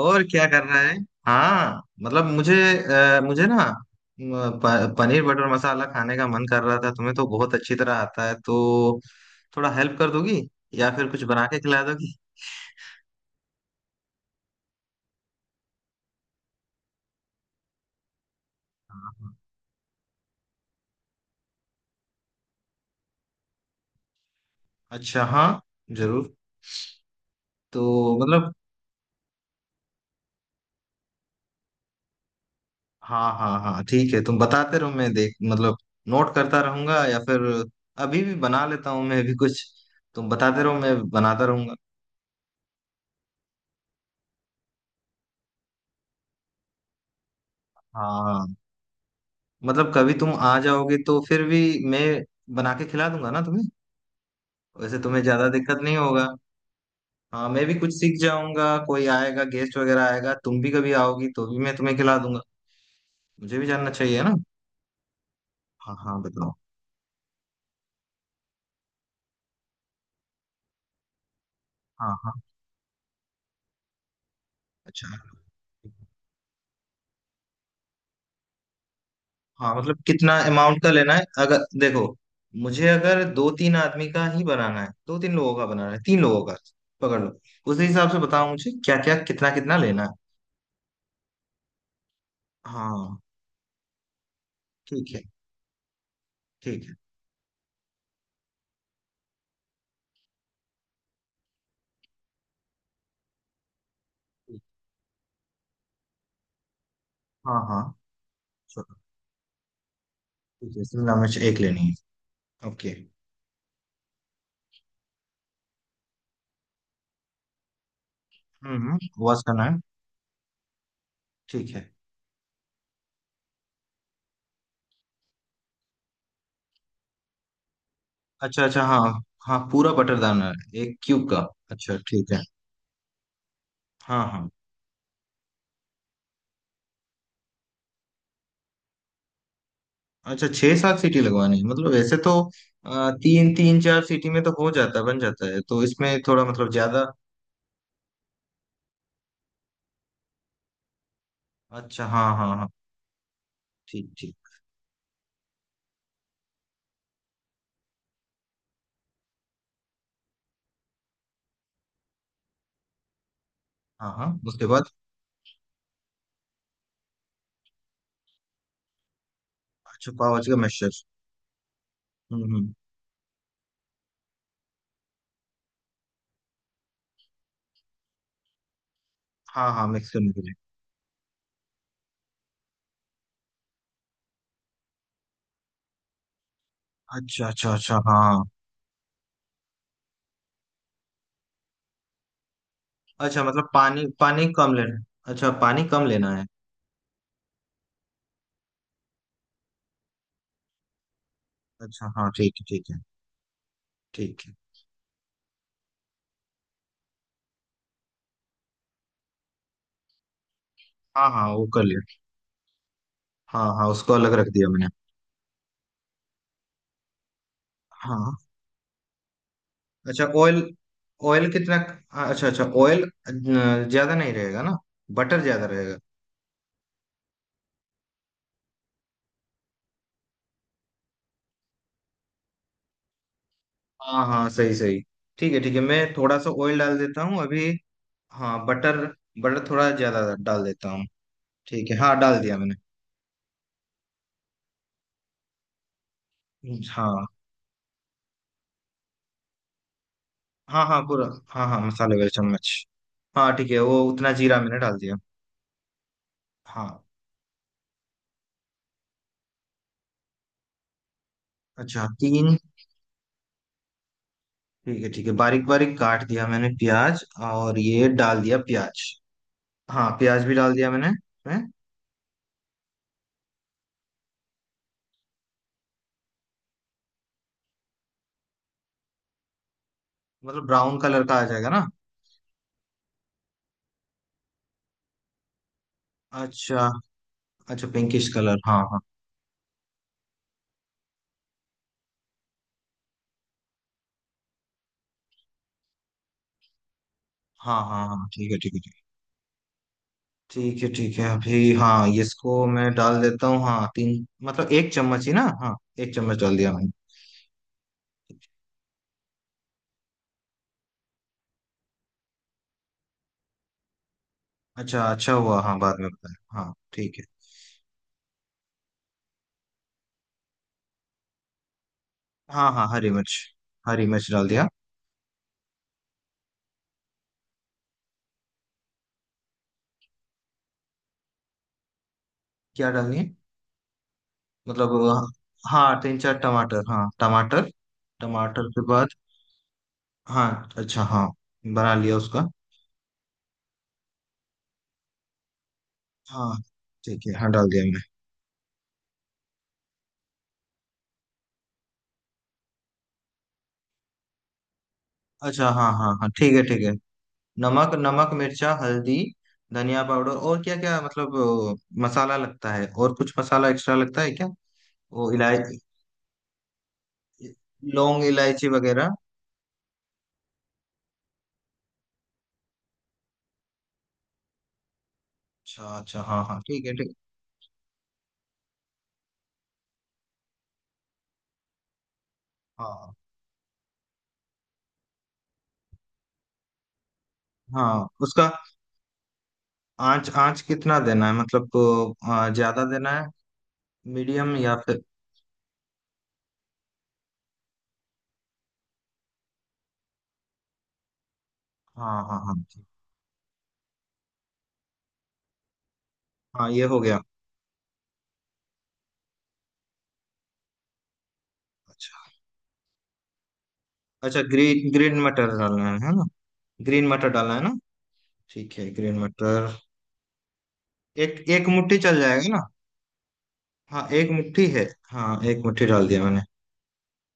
और क्या कर रहा है। हाँ मतलब मुझे ना। पनीर बटर मसाला खाने का मन कर रहा था। तुम्हें तो बहुत अच्छी तरह आता है तो थोड़ा हेल्प कर दोगी या फिर कुछ बना के खिला दोगी। हाँ, हाँ। अच्छा, हाँ, जरूर। तो मतलब। हाँ, हाँ, हाँ, ठीक है, तुम बताते रहो, मैं देख, मतलब नोट करता रहूंगा, या फिर अभी भी बना लेता हूँ मैं भी कुछ। तुम बताते रहो, मैं बनाता रहूंगा। हाँ, हाँ। मतलब कभी तुम आ जाओगे तो फिर भी मैं बना के खिला दूंगा ना तुम्हें। वैसे तुम्हें ज्यादा दिक्कत नहीं होगा। हाँ, मैं भी कुछ सीख जाऊंगा, कोई आएगा, गेस्ट वगैरह आएगा, तुम भी कभी आओगी तो भी मैं तुम्हें खिला दूंगा। मुझे भी जानना चाहिए ना। हाँ, हाँ, बताओ। हाँ, हाँ। अच्छा। हाँ मतलब कितना अमाउंट का लेना है अगर देखो। मुझे अगर दो तीन आदमी का ही बनाना है, दो तीन लोगों का बनाना है, तीन लोगों का पकड़ लो। उस हिसाब से बताओ मुझे क्या क्या कितना कितना लेना है। हाँ। ठीक है। ठीक है। ठीक। हाँ, हाँ। चलो। ठीक है, शिमला मिर्च एक लेनी है। ओके। हम्म। वॉश करना है। ठीक है। अच्छा, अच्छा। हाँ, हाँ पूरा बटरदाना है एक क्यूब का। अच्छा, ठीक है। हाँ, हाँ। अच्छा, छह सात सीटी लगवानी है? मतलब वैसे तो तीन तीन चार सीटी में तो हो जाता है, बन जाता है, तो इसमें थोड़ा मतलब ज्यादा। अच्छा, हाँ, हाँ, हाँ। ठीक, ठीक। हाँ, हाँ, उसके बाद? अच्छा, पाव भाजी का मिक्सचर। हम्म, हम्म। हाँ, हाँ, मिक्स करने के लिए। अच्छा, अच्छा, अच्छा, हाँ, हाँ। अच्छा मतलब पानी पानी कम लेना। अच्छा, पानी कम लेना है। अच्छा, हाँ, ठीक है, ठीक है। ठीक है। हाँ, हाँ, वो कर लिया। हाँ, हाँ, उसको अलग रख दिया मैंने। हाँ। अच्छा ऑयल। ऑयल कितना? अच्छा, अच्छा ऑयल। ज्यादा नहीं रहेगा ना? बटर ज्यादा रहेगा। हाँ, हाँ, सही सही। ठीक है, ठीक है, मैं थोड़ा सा ऑयल डाल देता हूँ अभी। हाँ, बटर। बटर थोड़ा ज्यादा डाल देता हूँ। ठीक है, हाँ डाल दिया मैंने। हाँ, हाँ, हाँ पूरा। हाँ, हाँ, मसाले वाले चम्मच। हाँ ठीक है, वो उतना जीरा मैंने डाल दिया। हाँ। अच्छा, तीन। ठीक है, ठीक है, बारीक बारीक काट दिया मैंने प्याज। और ये डाल दिया प्याज। हाँ, प्याज भी डाल दिया मैंने। हैं? मतलब ब्राउन कलर का आ जाएगा ना? अच्छा। अच्छा, पिंकिश कलर, हाँ, हाँ। हाँ, हाँ, हाँ, ठीक है, ठीक है। ठीक, ठीक है, ठीक है, अभी। हाँ, ये इसको मैं डाल देता हूँ। हाँ, तीन मतलब एक चम्मच ही ना? हाँ, एक चम्मच डाल दिया मैंने। अच्छा, अच्छा हुआ, हाँ बाद में बताया। हाँ, ठीक है। हाँ, हाँ, हरी मिर्च। हरी मिर्च डाल दिया। क्या डालनी है? मतलब हाँ, तीन चार टमाटर, हाँ टमाटर। टमाटर के बाद? हाँ, अच्छा, हाँ। बना लिया उसका। हाँ, ठीक है, हाँ डाल दिया मैं। अच्छा, हाँ, हाँ, हाँ, ठीक है, ठीक है। नमक, नमक, मिर्चा, हल्दी, धनिया पाउडर और क्या क्या मतलब अ, मसाला लगता है? और कुछ मसाला एक्स्ट्रा लगता है क्या? वो इलायची, लौंग इलायची वगैरह? अच्छा, अच्छा, हाँ, हाँ, ठीक है, ठीक। हाँ, हाँ, उसका आंच। आंच कितना देना है मतलब ज्यादा देना है? मीडियम या फिर? हाँ, हाँ, हाँ, ठीक। हाँ, ये हो गया। अच्छा। अच्छा, ग्रीन ग्रीन मटर डालना है ना? ग्रीन मटर डालना है ना? ठीक है, ग्रीन मटर। एक एक मुट्ठी चल जाएगा ना? हाँ, एक मुट्ठी है। हाँ, एक मुट्ठी डाल दिया मैंने।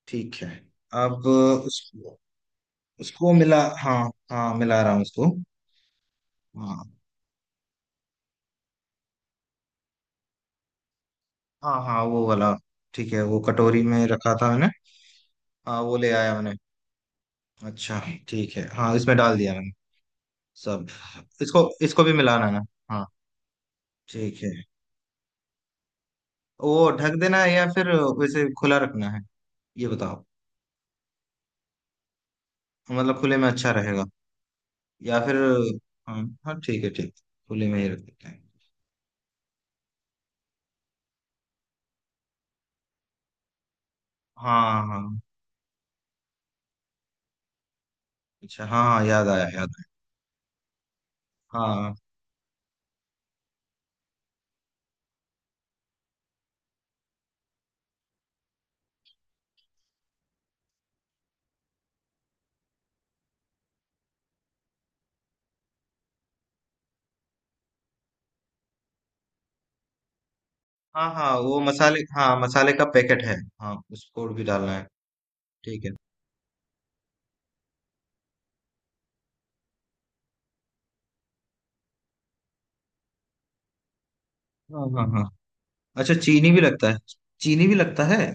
ठीक है। अब उसको मिला, हाँ। हाँ, मिला रहा हूँ उसको। हाँ, हाँ, हाँ वो वाला। ठीक है, वो कटोरी में रखा था मैंने। हाँ, वो ले आया मैंने। अच्छा। ठीक है, हाँ इसमें डाल दिया मैंने सब। इसको इसको भी मिलाना है ना? हाँ। ठीक है, वो ढक देना है या फिर वैसे खुला रखना है? ये बताओ। मतलब खुले में अच्छा रहेगा या फिर? हाँ, हाँ, ठीक है, ठीक। खुले में ही रख देते हैं। हाँ, हाँ। अच्छा, हाँ, याद आया, याद आया। हाँ। हाँ, हाँ, वो मसाले, हाँ मसाले का पैकेट है। हाँ, उसको भी डालना है? ठीक है। हाँ, हाँ, हाँ। अच्छा, चीनी भी लगता है? चीनी भी लगता है?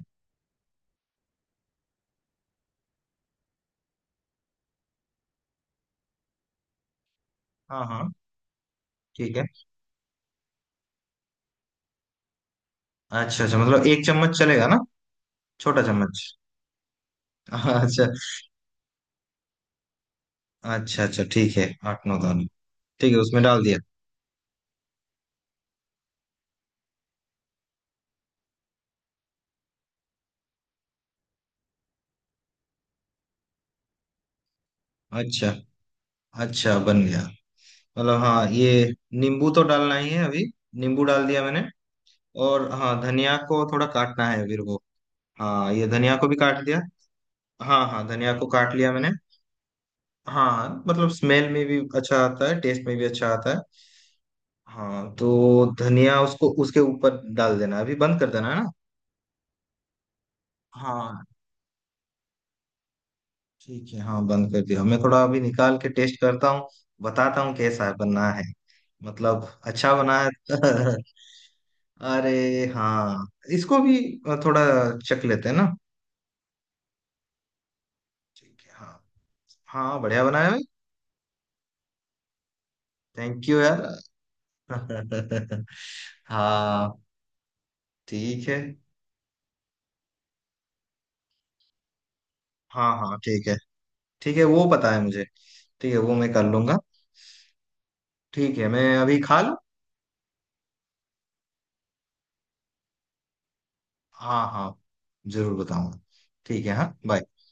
हाँ, हाँ। ठीक है। अच्छा, अच्छा मतलब एक चम्मच चलेगा ना? छोटा चम्मच? अच्छा। अच्छा, अच्छा, ठीक है। आठ नौ दाने। ठीक है, उसमें डाल दिया। अच्छा। अच्छा, बन गया? मतलब, हाँ, ये। नींबू तो डालना ही है अभी। नींबू डाल दिया मैंने। और हाँ, धनिया को थोड़ा काटना है फिर वो। हाँ, ये धनिया को भी काट दिया। हाँ, हाँ, धनिया को काट लिया मैंने। हाँ मतलब स्मेल में भी अच्छा आता है, टेस्ट में भी अच्छा आता है। हाँ तो धनिया उसको उसके ऊपर डाल देना, अभी बंद कर देना है ना? हाँ। ठीक है, हाँ बंद कर दिया मैं। थोड़ा अभी निकाल के टेस्ट करता हूँ, बताता हूँ कैसा बना है। मतलब अच्छा बना है। अरे, हाँ। इसको भी थोड़ा चख लेते हैं ना। ठीक है, हाँ। हाँ, बढ़िया बनाया भाई। थैंक यू यार। हाँ। ठीक है। हाँ, हाँ, ठीक है। ठीक है वो पता है मुझे। ठीक है, वो मैं कर लूंगा। ठीक है, मैं अभी खा लूँ। हाँ, हाँ, जरूर बताऊंगा। ठीक है, हाँ, बाय।